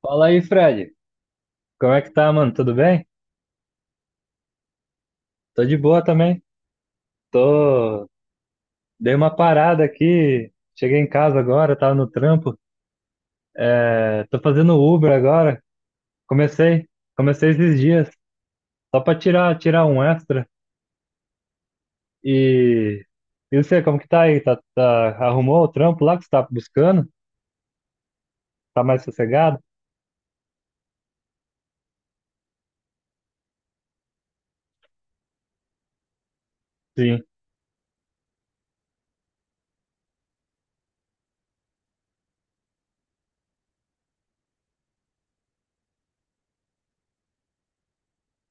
Fala aí, Fred. Como é que tá, mano? Tudo bem? Tô de boa também. Tô... Dei uma parada aqui. Cheguei em casa agora, tava no trampo. Tô fazendo Uber agora. Comecei. Comecei esses dias. Só pra tirar um extra. E... E você, como que tá aí? Tá... Arrumou o trampo lá que você tá buscando? Tá mais sossegado? Sim.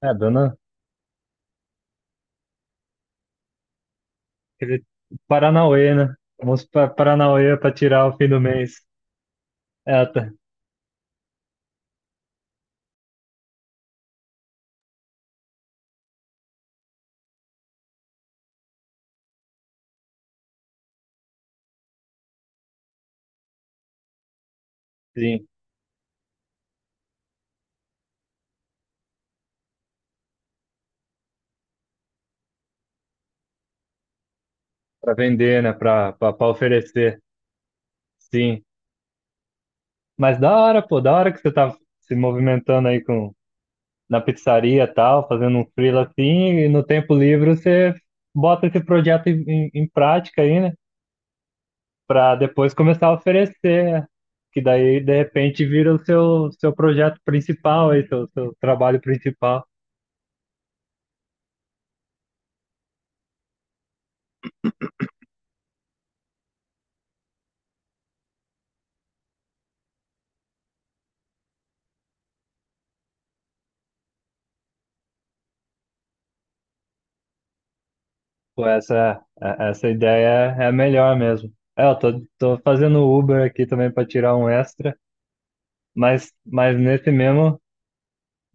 É, dona... Aquele Paranauê, né? Vamos pra Paranauê pra tirar o fim do mês. É, tá. Sim. Pra vender, né? Pra oferecer. Sim. Mas da hora, pô, da hora que você tá se movimentando aí, na pizzaria e tal, fazendo um freela assim, e no tempo livre você bota esse projeto em prática aí, né? Pra depois começar a oferecer, né? Que daí, de repente, vira o seu projeto principal aí, seu trabalho principal. Pô, essa ideia é a melhor mesmo. É, eu tô, tô fazendo Uber aqui também para tirar um extra, mas nesse mesmo.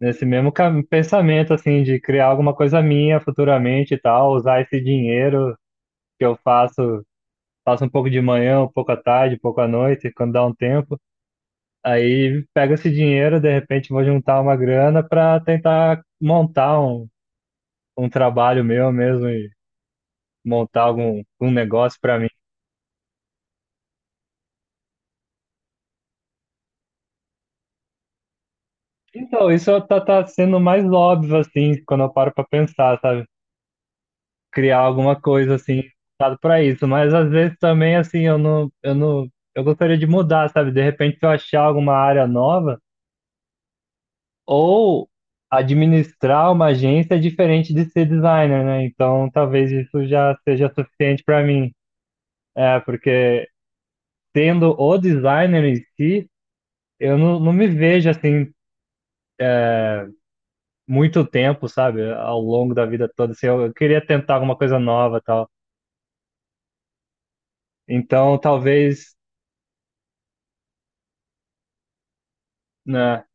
Pensamento, assim, de criar alguma coisa minha futuramente e tal, usar esse dinheiro que eu faço um pouco de manhã, um pouco à tarde, um pouco à noite, quando dá um tempo. Aí pego esse dinheiro, de repente vou juntar uma grana para tentar montar um trabalho meu mesmo e montar algum um negócio para mim. Então, isso tá sendo mais óbvio, assim, quando eu paro para pensar, sabe? Criar alguma coisa assim voltado para isso, mas às vezes também assim eu não eu não eu gostaria de mudar, sabe? De repente se eu achar alguma área nova ou administrar uma agência é diferente de ser designer, né? Então talvez isso já seja suficiente para mim. É, porque tendo o designer em si, eu não, não me vejo assim muito tempo, sabe? Ao longo da vida toda, assim, eu queria tentar alguma coisa nova, e tal. Então talvez, né?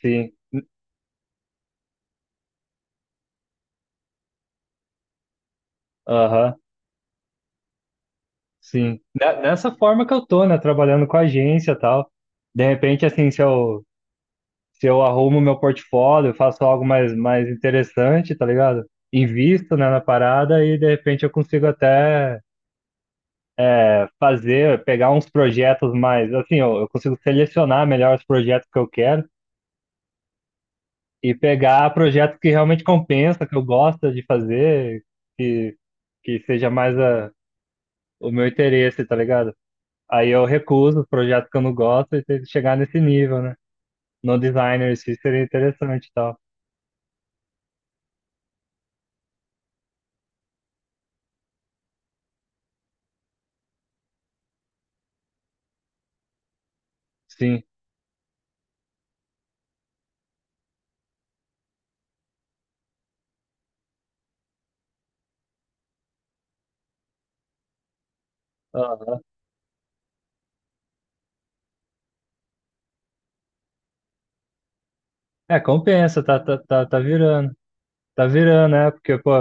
Sim. Aham. Sim. Nessa forma que eu tô, né? Trabalhando com agência e tal. De repente, assim, se eu arrumo meu portfólio, faço algo mais interessante, tá ligado? Invisto, né, na parada e de repente eu consigo até é, fazer, pegar uns projetos mais, assim, eu consigo selecionar melhor os projetos que eu quero e pegar projetos que realmente compensa, que eu gosto de fazer, que, que seja mais a, o meu interesse, tá ligado? Aí eu recuso os projetos que eu não gosto e tem que chegar nesse nível, né? No designer, isso seria interessante e tal. Sim. Aham. É, compensa, tá virando. Tá virando, né? Porque, pô,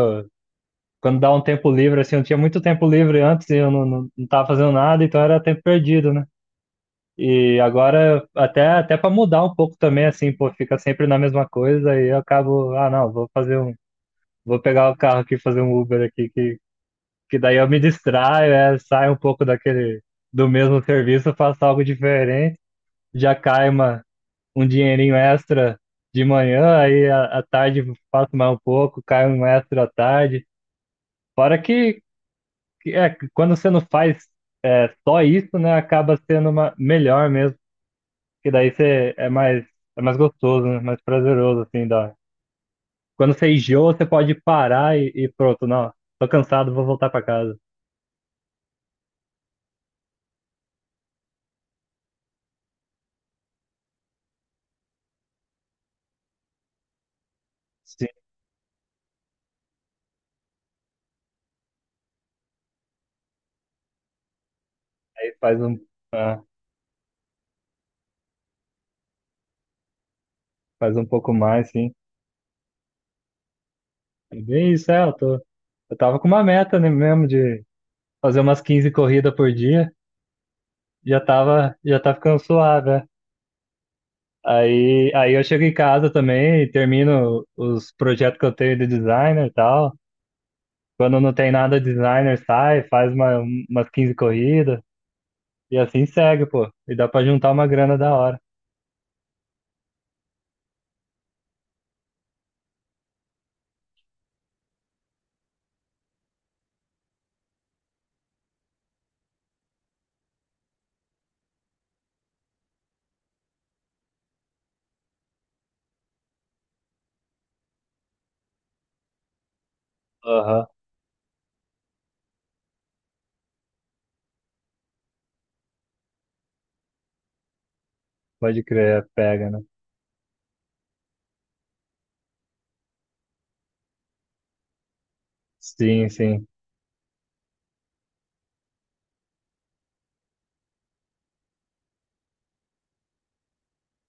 quando dá um tempo livre, assim, eu tinha muito tempo livre antes e eu não tava fazendo nada, então era tempo perdido, né? E agora, até para mudar um pouco também, assim, pô, fica sempre na mesma coisa e eu acabo, ah, não, vou fazer um. Vou pegar o carro aqui, e fazer um Uber aqui, que daí eu me distraio, é, saio um pouco daquele do mesmo serviço, faço algo diferente, já cai um dinheirinho extra de manhã, aí à tarde faço mais um pouco, cai um extra à tarde. Fora que é, que quando você não faz é, só isso, né, acaba sendo uma, melhor mesmo, que daí é mais gostoso, né, mais prazeroso, assim, da... Quando você enjoa, você pode parar e pronto, não, tô cansado, vou voltar para casa. Sim. Aí faz um... ah, faz um pouco mais, sim. É bem isso, é, eu tava com uma meta, né, mesmo de fazer umas 15 corridas por dia, já tá ficando suave, né? Aí eu chego em casa também e termino os projetos que eu tenho de designer e tal. Quando não tem nada designer, sai, faz umas 15 corridas e assim segue, pô. E dá pra juntar uma grana da hora. Aham, pode crer, é, pega, né? Sim, sim.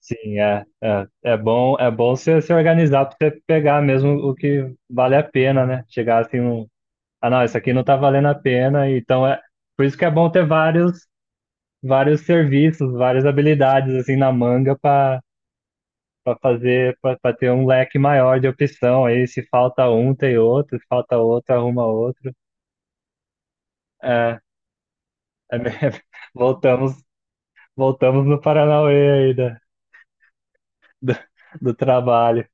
Sim, é bom você se organizar para você pegar mesmo o que vale a pena, né? Chegar assim, num, ah, não, isso aqui não tá valendo a pena, então é por isso que é bom ter vários, vários serviços, várias habilidades assim na manga para fazer, para ter um leque maior de opção. Aí se falta um, tem outro, se falta outro, arruma outro. É, é me- voltamos, voltamos no Paranauê aí do, do trabalho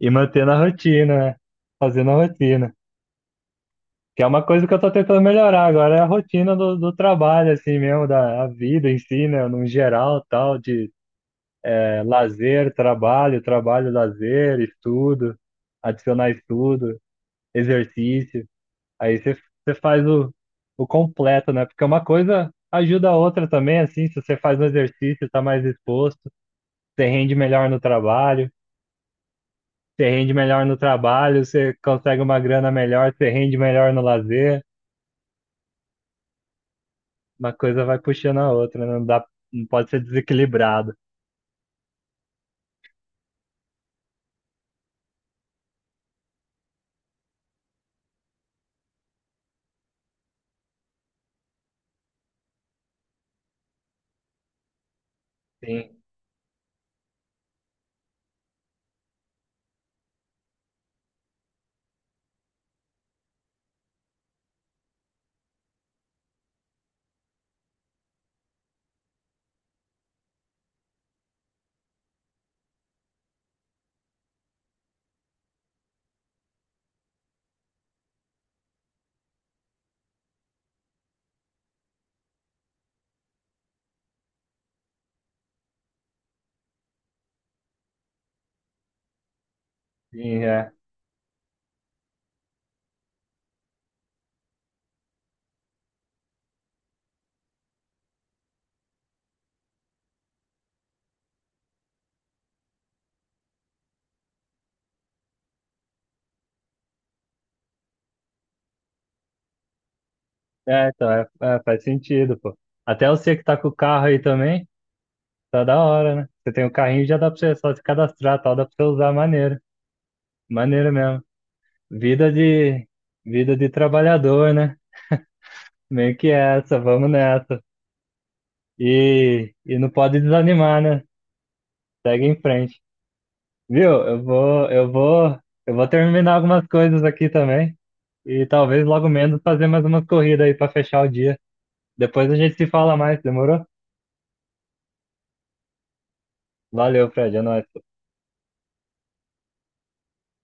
e mantendo a rotina, né? Fazendo a rotina. Que é uma coisa que eu tô tentando melhorar agora, é a rotina do trabalho, assim mesmo, da a vida em si, né? No geral, tal, de é, lazer, trabalho, trabalho, lazer, estudo, adicionar estudo, exercício. Aí você faz o completo, né? Porque uma coisa ajuda a outra também, assim, se você faz um exercício, tá mais exposto, você rende melhor no trabalho, você rende melhor no trabalho, você consegue uma grana melhor, você rende melhor no lazer. Uma coisa vai puxando a outra, né? Não pode ser desequilibrado. Sim, sim, é. É, então, faz sentido, pô. Até você que tá com o carro aí também, tá da hora, né? Você tem o carrinho, já dá pra você só se cadastrar, tal, dá pra você usar, maneiro. Maneiro mesmo. Vida de, Vida de trabalhador, né? Meio que essa, vamos nessa. E não pode desanimar, né? Segue em frente. Viu? Eu vou terminar algumas coisas aqui também. E talvez logo menos fazer mais umas corridas aí pra fechar o dia. Depois a gente se fala mais, demorou? Valeu, Fred, é nóis.